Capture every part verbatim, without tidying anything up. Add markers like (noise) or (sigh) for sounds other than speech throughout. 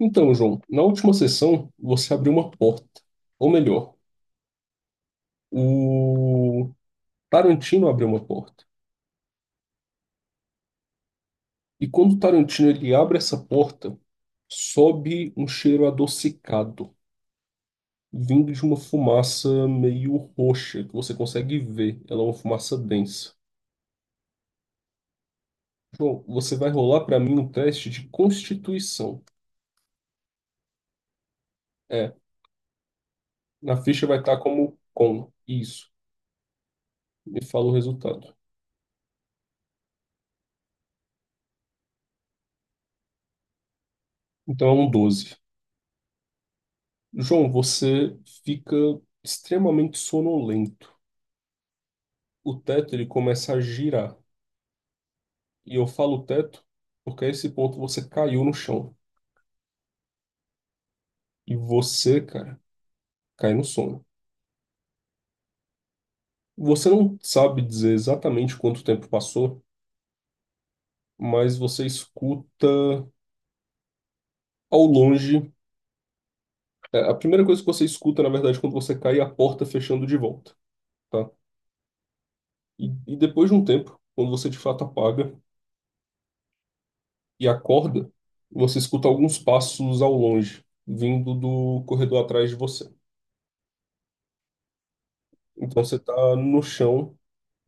Então, João, na última sessão você abriu uma porta. Ou melhor, o Tarantino abriu uma porta. E quando o Tarantino ele abre essa porta, sobe um cheiro adocicado, vindo de uma fumaça meio roxa, que você consegue ver. Ela é uma fumaça densa. João, você vai rolar para mim um teste de constituição. É, na ficha vai estar como com. Isso. Me fala o resultado. Então é um doze. João, você fica extremamente sonolento. O teto ele começa a girar. E eu falo teto porque a esse ponto você caiu no chão. E você, cara, cai no sono. Você não sabe dizer exatamente quanto tempo passou, mas você escuta ao longe. é, A primeira coisa que você escuta, na verdade, quando você cai é a porta fechando de volta, tá? E, e depois de um tempo, quando você de fato apaga, e acorda, você escuta alguns passos ao longe, vindo do corredor atrás de você. Então você está no chão,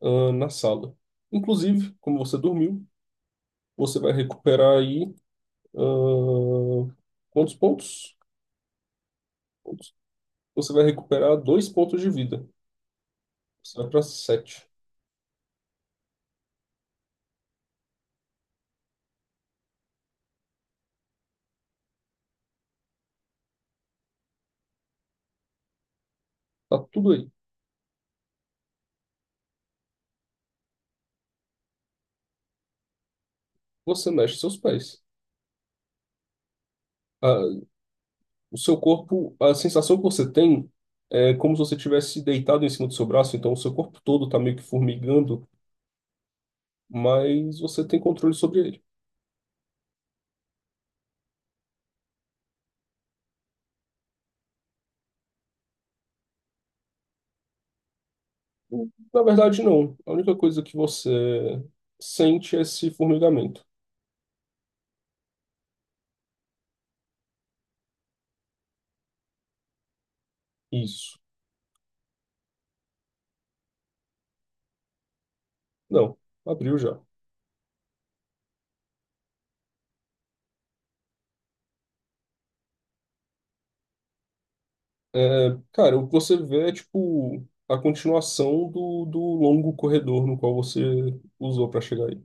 ah, na sala. Inclusive, como você dormiu, você vai recuperar aí, ah, quantos pontos? Pontos. Você vai recuperar dois pontos de vida. Você vai para sete. Tá tudo aí. Você mexe seus pés. Ah, o seu corpo, a sensação que você tem é como se você tivesse deitado em cima do seu braço, então o seu corpo todo está meio que formigando, mas você tem controle sobre ele. Na verdade, não. A única coisa que você sente é esse formigamento. Isso. Não, abriu já. É, cara, o que você vê é tipo a continuação do, do longo corredor no qual você usou para chegar aí.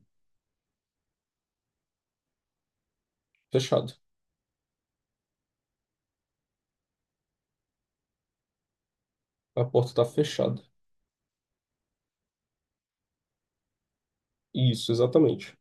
Fechado. A porta tá fechada. Isso, exatamente.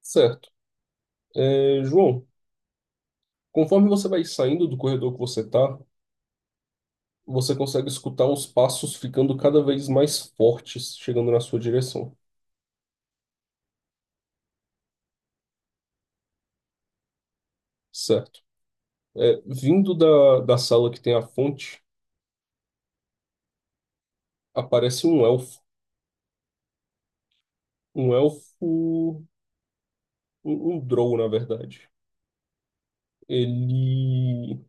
Certo. É, João, conforme você vai saindo do corredor que você tá, você consegue escutar os passos ficando cada vez mais fortes chegando na sua direção. Certo. É, vindo da, da sala que tem a fonte, aparece um elfo. Um elfo. Um, um drow, na verdade. Ele.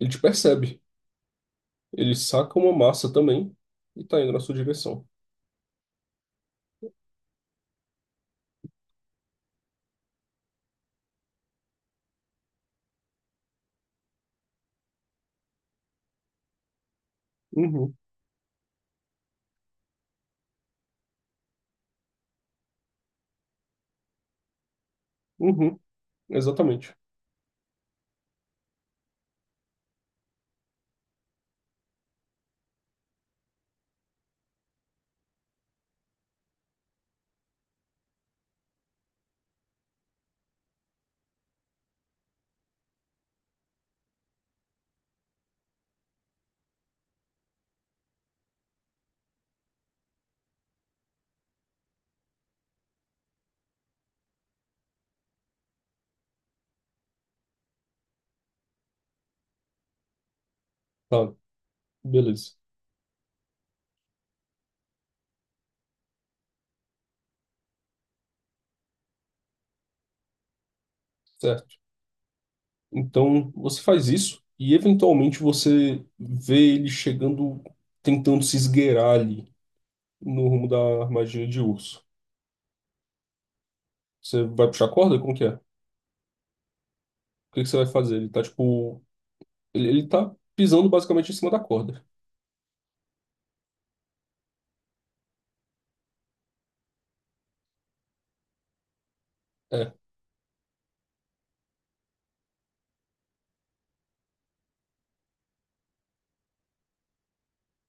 Ele te percebe. Ele saca uma massa também e tá indo na sua direção. Uhum, uhum, exatamente. Tá, beleza. Certo. Então você faz isso e eventualmente você vê ele chegando, tentando se esgueirar ali no rumo da armadilha de urso. Você vai puxar a corda? Como que é? O que que você vai fazer? Ele tá, tipo. Ele, ele tá pisando basicamente em cima da corda. É,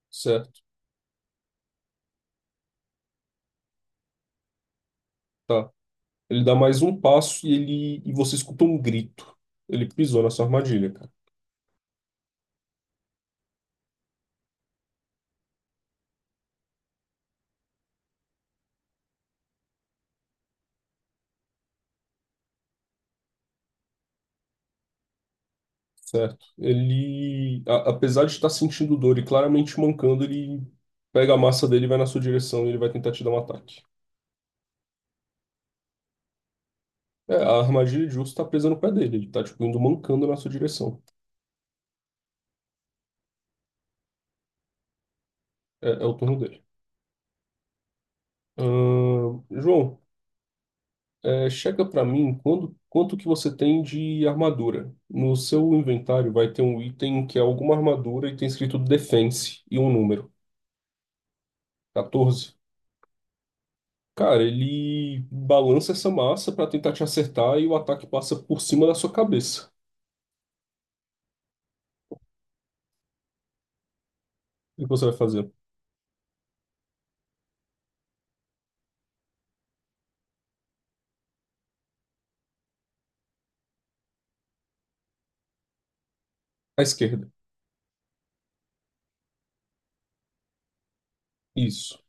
certo, tá. Ele dá mais um passo e ele. E você escuta um grito. Ele pisou na sua armadilha, cara. Certo. Ele. a- apesar de estar sentindo dor e claramente mancando, ele pega a massa dele, e vai na sua direção e ele vai tentar te dar um ataque. É, a armadilha de urso tá presa no pé dele. Ele tá, tipo, indo mancando na sua direção. É, é o turno dele. Ahn, João, é, chega para mim quando, quanto que você tem de armadura. No seu inventário vai ter um item que é alguma armadura e tem escrito Defense e um número, catorze. Cara, ele balança essa massa para tentar te acertar e o ataque passa por cima da sua cabeça. O que você vai fazer? À esquerda. Isso.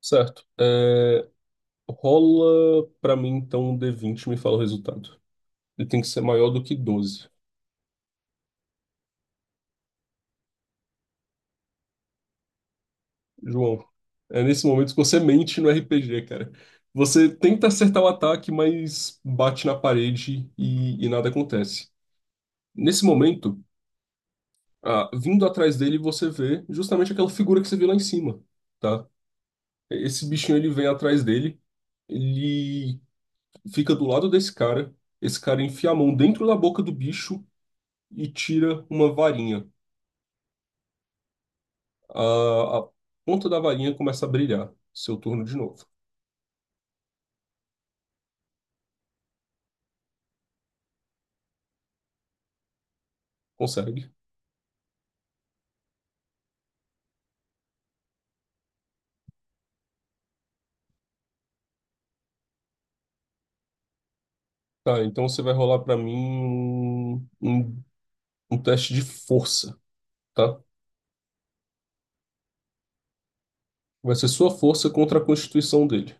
Certo. É, rola para mim então um D vinte e me fala o resultado. Ele tem que ser maior do que doze. João, é nesse momento que você mente no R P G, cara. Você tenta acertar o ataque, mas bate na parede e, e nada acontece. Nesse momento, ah, vindo atrás dele, você vê justamente aquela figura que você viu lá em cima, tá? Esse bichinho, ele vem atrás dele, ele fica do lado desse cara, esse cara enfia a mão dentro da boca do bicho e tira uma varinha. A, a ponta da varinha começa a brilhar. Seu turno de novo. Consegue? Tá, então você vai rolar pra mim um, um, um teste de força, tá? Vai ser sua força contra a constituição dele.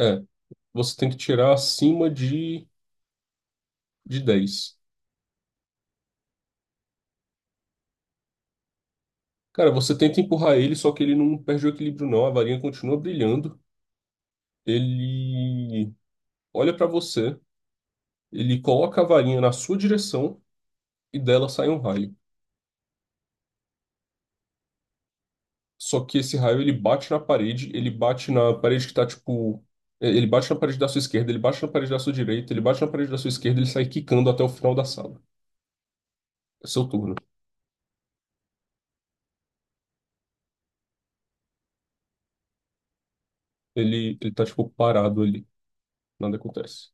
É, você tem que tirar acima de, de dez. Cara, você tenta empurrar ele, só que ele não perde o equilíbrio, não. A varinha continua brilhando. Ele olha pra você, ele coloca a varinha na sua direção e dela sai um raio. Só que esse raio ele bate na parede, ele bate na parede que tá tipo. é, Ele bate na parede da sua esquerda, ele bate na parede da sua direita, ele bate na parede da sua esquerda, ele sai quicando até o final da sala. É seu turno. Ele, ele tá tipo parado ali. Nada acontece.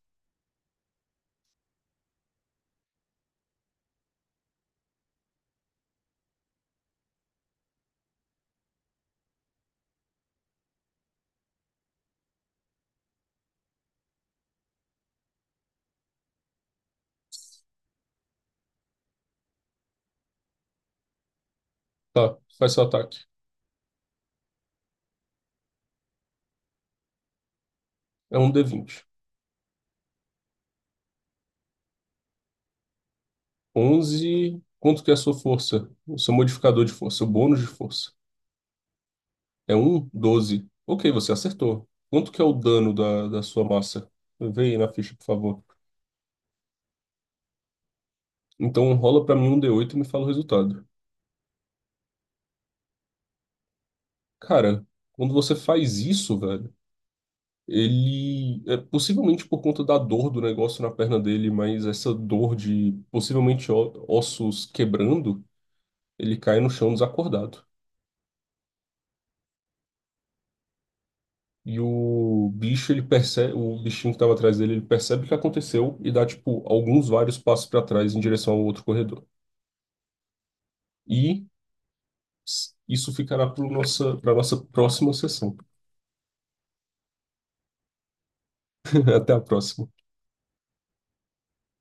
Tá, faz seu ataque. É um D vinte. onze. Quanto que é a sua força? O seu modificador de força, o bônus de força. É um doze. Ok, você acertou. Quanto que é o dano da, da sua massa? Vê aí na ficha, por favor. Então rola pra mim um D oito e me fala o resultado. Cara, quando você faz isso, velho, ele é possivelmente por conta da dor do negócio na perna dele, mas essa dor de possivelmente ó- ossos quebrando, ele cai no chão desacordado. E o bicho, ele percebe, o bichinho que estava atrás dele, ele percebe o que aconteceu e dá tipo alguns vários passos para trás em direção ao outro corredor. E s- isso ficará para nossa para nossa próxima sessão. (laughs) Até a próxima.